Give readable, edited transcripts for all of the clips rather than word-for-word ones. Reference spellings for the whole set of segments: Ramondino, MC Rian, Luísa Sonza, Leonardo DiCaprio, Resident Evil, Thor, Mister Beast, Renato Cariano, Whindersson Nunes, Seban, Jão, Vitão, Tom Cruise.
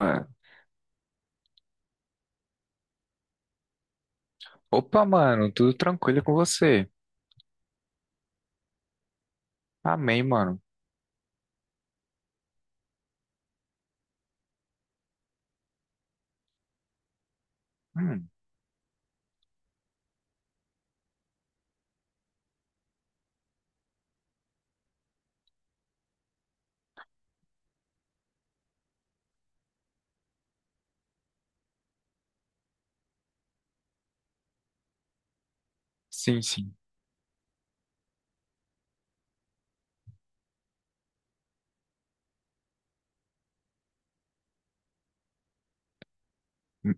Mano. Opa, mano, tudo tranquilo com você? Amém, mano. Hum, sim, sim. Hum,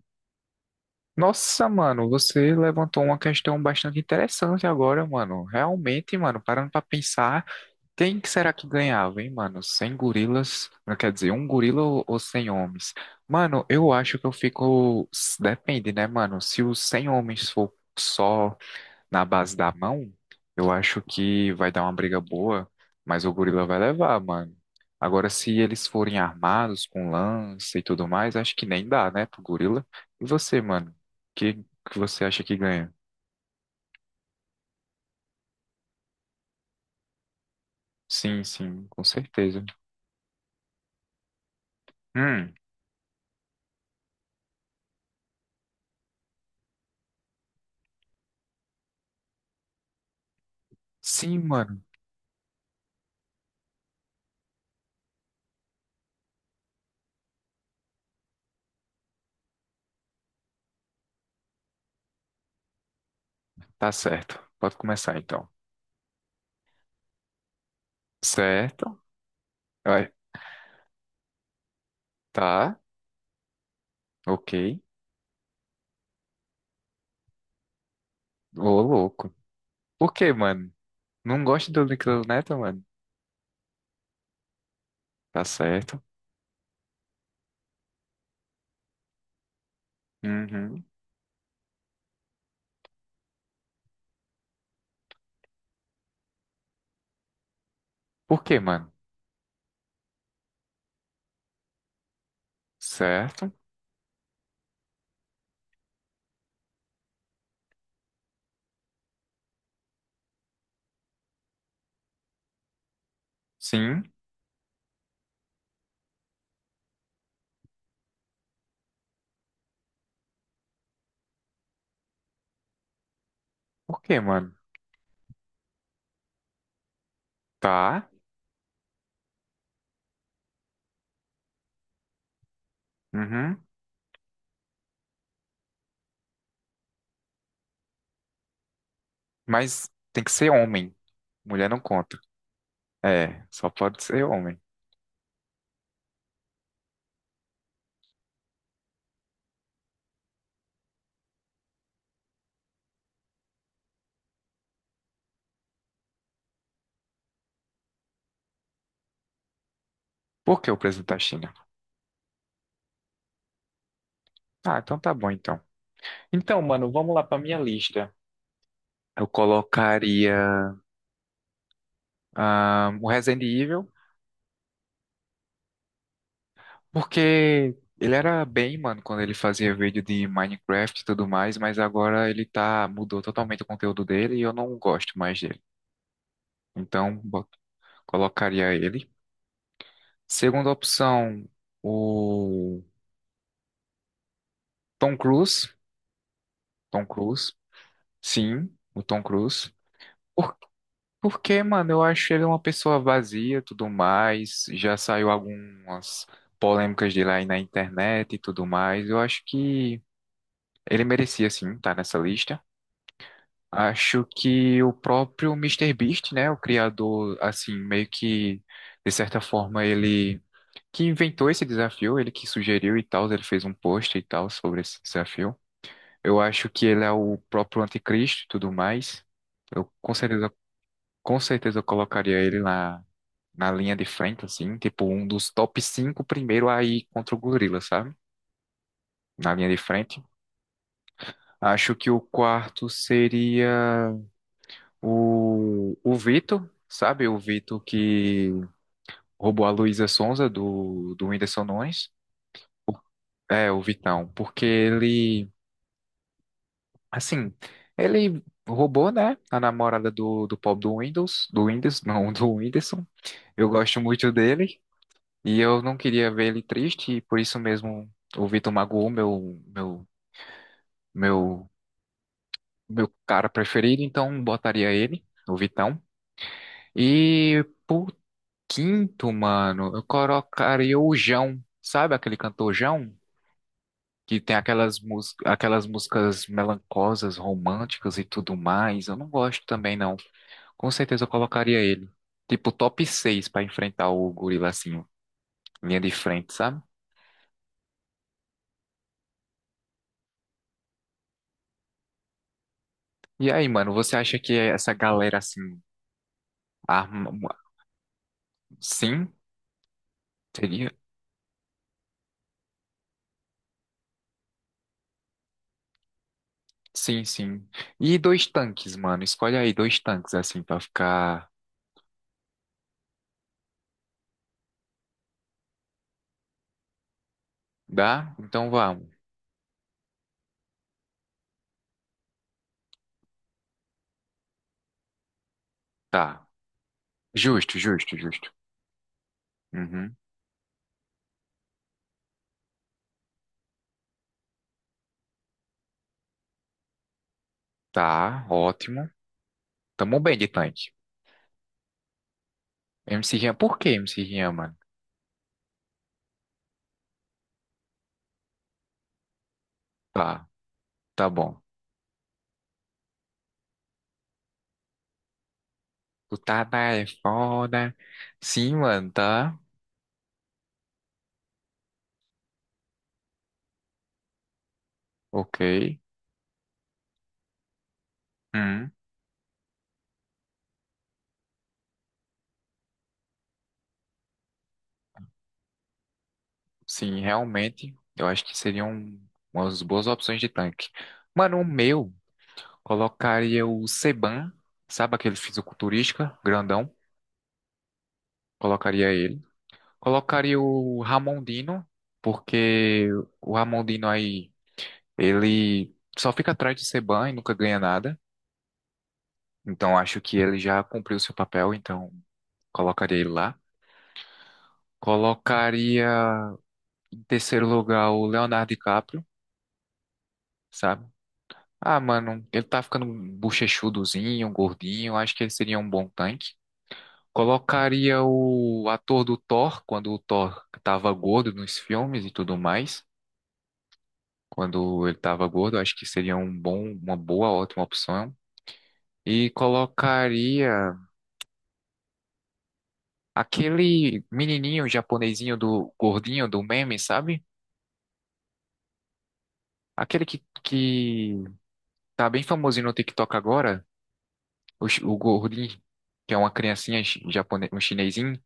Nossa, mano, você levantou uma questão bastante interessante agora, mano. Realmente, mano, parando pra pensar, quem que será que ganhava, hein, mano? 100 gorilas, não quer dizer, um gorila ou 100 homens? Mano, eu acho que eu fico. Depende, né, mano? Se os 100 homens for só, na base da mão, eu acho que vai dar uma briga boa, mas o gorila vai levar, mano. Agora, se eles forem armados com lança e tudo mais, acho que nem dá, né, pro gorila. E você, mano? O que que você acha que ganha? Sim, sim, com certeza. Hum, sim, mano, tá certo. Pode começar então. Certo? Vai. Tá, ok. Ô, louco. Por que, mano? Não gosta do Nickel Neto, mano? Tá certo. Uhum. Por que, mano? Certo. Sim. Por quê, mano? Tá. Uhum. Mas tem que ser homem. Mulher não conta. É, só pode ser homem. Por que o presunto da China? Ah, então tá bom, então. Então, mano, vamos lá pra minha lista. Eu colocaria o Resident Evil, porque ele era bem, mano, quando ele fazia vídeo de Minecraft e tudo mais, mas agora ele tá, mudou totalmente o conteúdo dele e eu não gosto mais dele. Então, colocaria ele. Segunda opção, o Tom Cruise, Tom Cruise, sim, o Tom Cruise. Por, porque, mano, eu acho ele uma pessoa vazia, tudo mais. Já saiu algumas polêmicas dele aí na internet e tudo mais. Eu acho que ele merecia sim estar nessa lista. Acho que o próprio Mister Beast, né, o criador, assim, meio que de certa forma ele que inventou esse desafio, ele que sugeriu e tal, ele fez um post e tal sobre esse desafio. Eu acho que ele é o próprio anticristo e tudo mais. Eu com certeza eu colocaria ele na linha de frente, assim, tipo um dos top 5 primeiro aí contra o gorila, sabe? Na linha de frente. Acho que o quarto seria o Vitor, sabe? O Vitor que roubou a Luísa Sonza do Whindersson Nunes. O- É, o Vitão, porque ele assim, ele roubou, né, a namorada do Paul do Windows, não, do Whindersson. Eu gosto muito dele e eu não queria ver ele triste e por isso mesmo o Vitor magoou meu, meu cara preferido, então botaria ele, o Vitão. E por quinto, mano, eu colocaria o Jão, sabe aquele cantor Jão? Que tem aquelas músicas melancosas, românticas e tudo mais. Eu não gosto também, não. Com certeza eu colocaria ele. Tipo, top 6 pra enfrentar o gorila, assim, linha de frente, sabe? E aí, mano, você acha que essa galera, assim, arma. Sim? Seria? Sim, sim. E dois tanques, mano. Escolhe aí dois tanques, assim, pra ficar. Dá? Então vamos. Tá. Justo, justo, justo. Uhum. Tá, ótimo. Tamo bem de tanque. MC Rian, por que MC Rian, mano? Tá, tá bom. Tu tá na é foda. Sim, mano, tá. Ok. Hum, sim, realmente, eu acho que seriam umas boas opções de tanque. Mano, o meu, colocaria o Seban, sabe aquele fisiculturista grandão? Colocaria ele. Colocaria o Ramondino, porque o Ramondino aí, ele só fica atrás de Seban e nunca ganha nada. Então, acho que ele já cumpriu seu papel, então colocaria ele lá. Colocaria em terceiro lugar o Leonardo DiCaprio, sabe? Ah, mano, ele tá ficando um bochechudozinho, um gordinho. Acho que ele seria um bom tanque. Colocaria o ator do Thor, quando o Thor tava gordo nos filmes e tudo mais. Quando ele tava gordo, acho que seria um bom, uma boa, ótima opção. E colocaria aquele menininho japonesinho do gordinho do meme, sabe? Aquele que tá bem famosinho no TikTok agora, o gordinho, que é uma criancinha um chinesinho.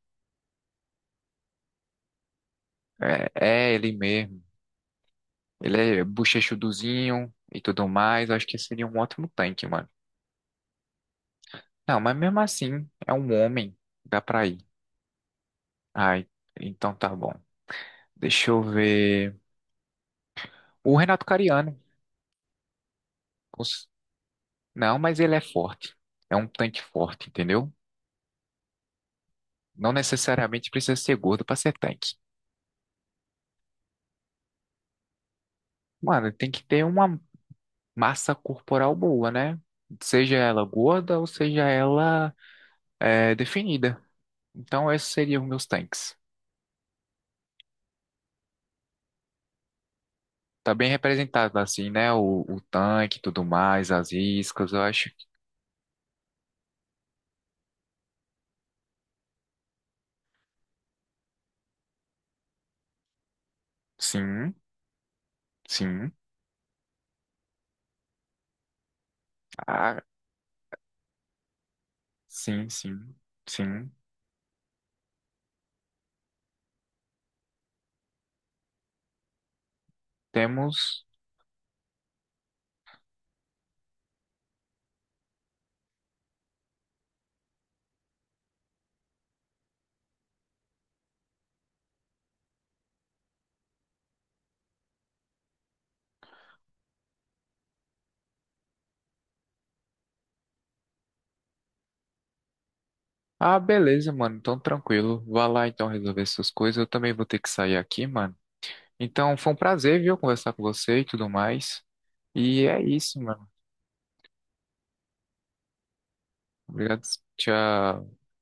É, é ele mesmo. Ele é bochechuduzinho e tudo mais. Acho que seria um ótimo tanque, mano. Não, mas mesmo assim, é um homem. Dá pra ir. Ai, então tá bom. Deixa eu ver. O Renato Cariano. Os- Não, mas ele é forte. É um tanque forte, entendeu? Não necessariamente precisa ser gordo pra ser tanque. Mano, tem que ter uma massa corporal boa, né? Seja ela gorda ou seja ela definida. Então, esses seriam meus tanques. Tá bem representado, assim, né? O tanque e tudo mais, as iscas, eu acho. Sim, sim. Ah, sim, sim, sim. Temos. Ah, beleza, mano. Então, tranquilo. Vá lá, então, resolver suas coisas. Eu também vou ter que sair aqui, mano. Então, foi um prazer, viu, conversar com você e tudo mais. E é isso, mano. Obrigado. Tchau.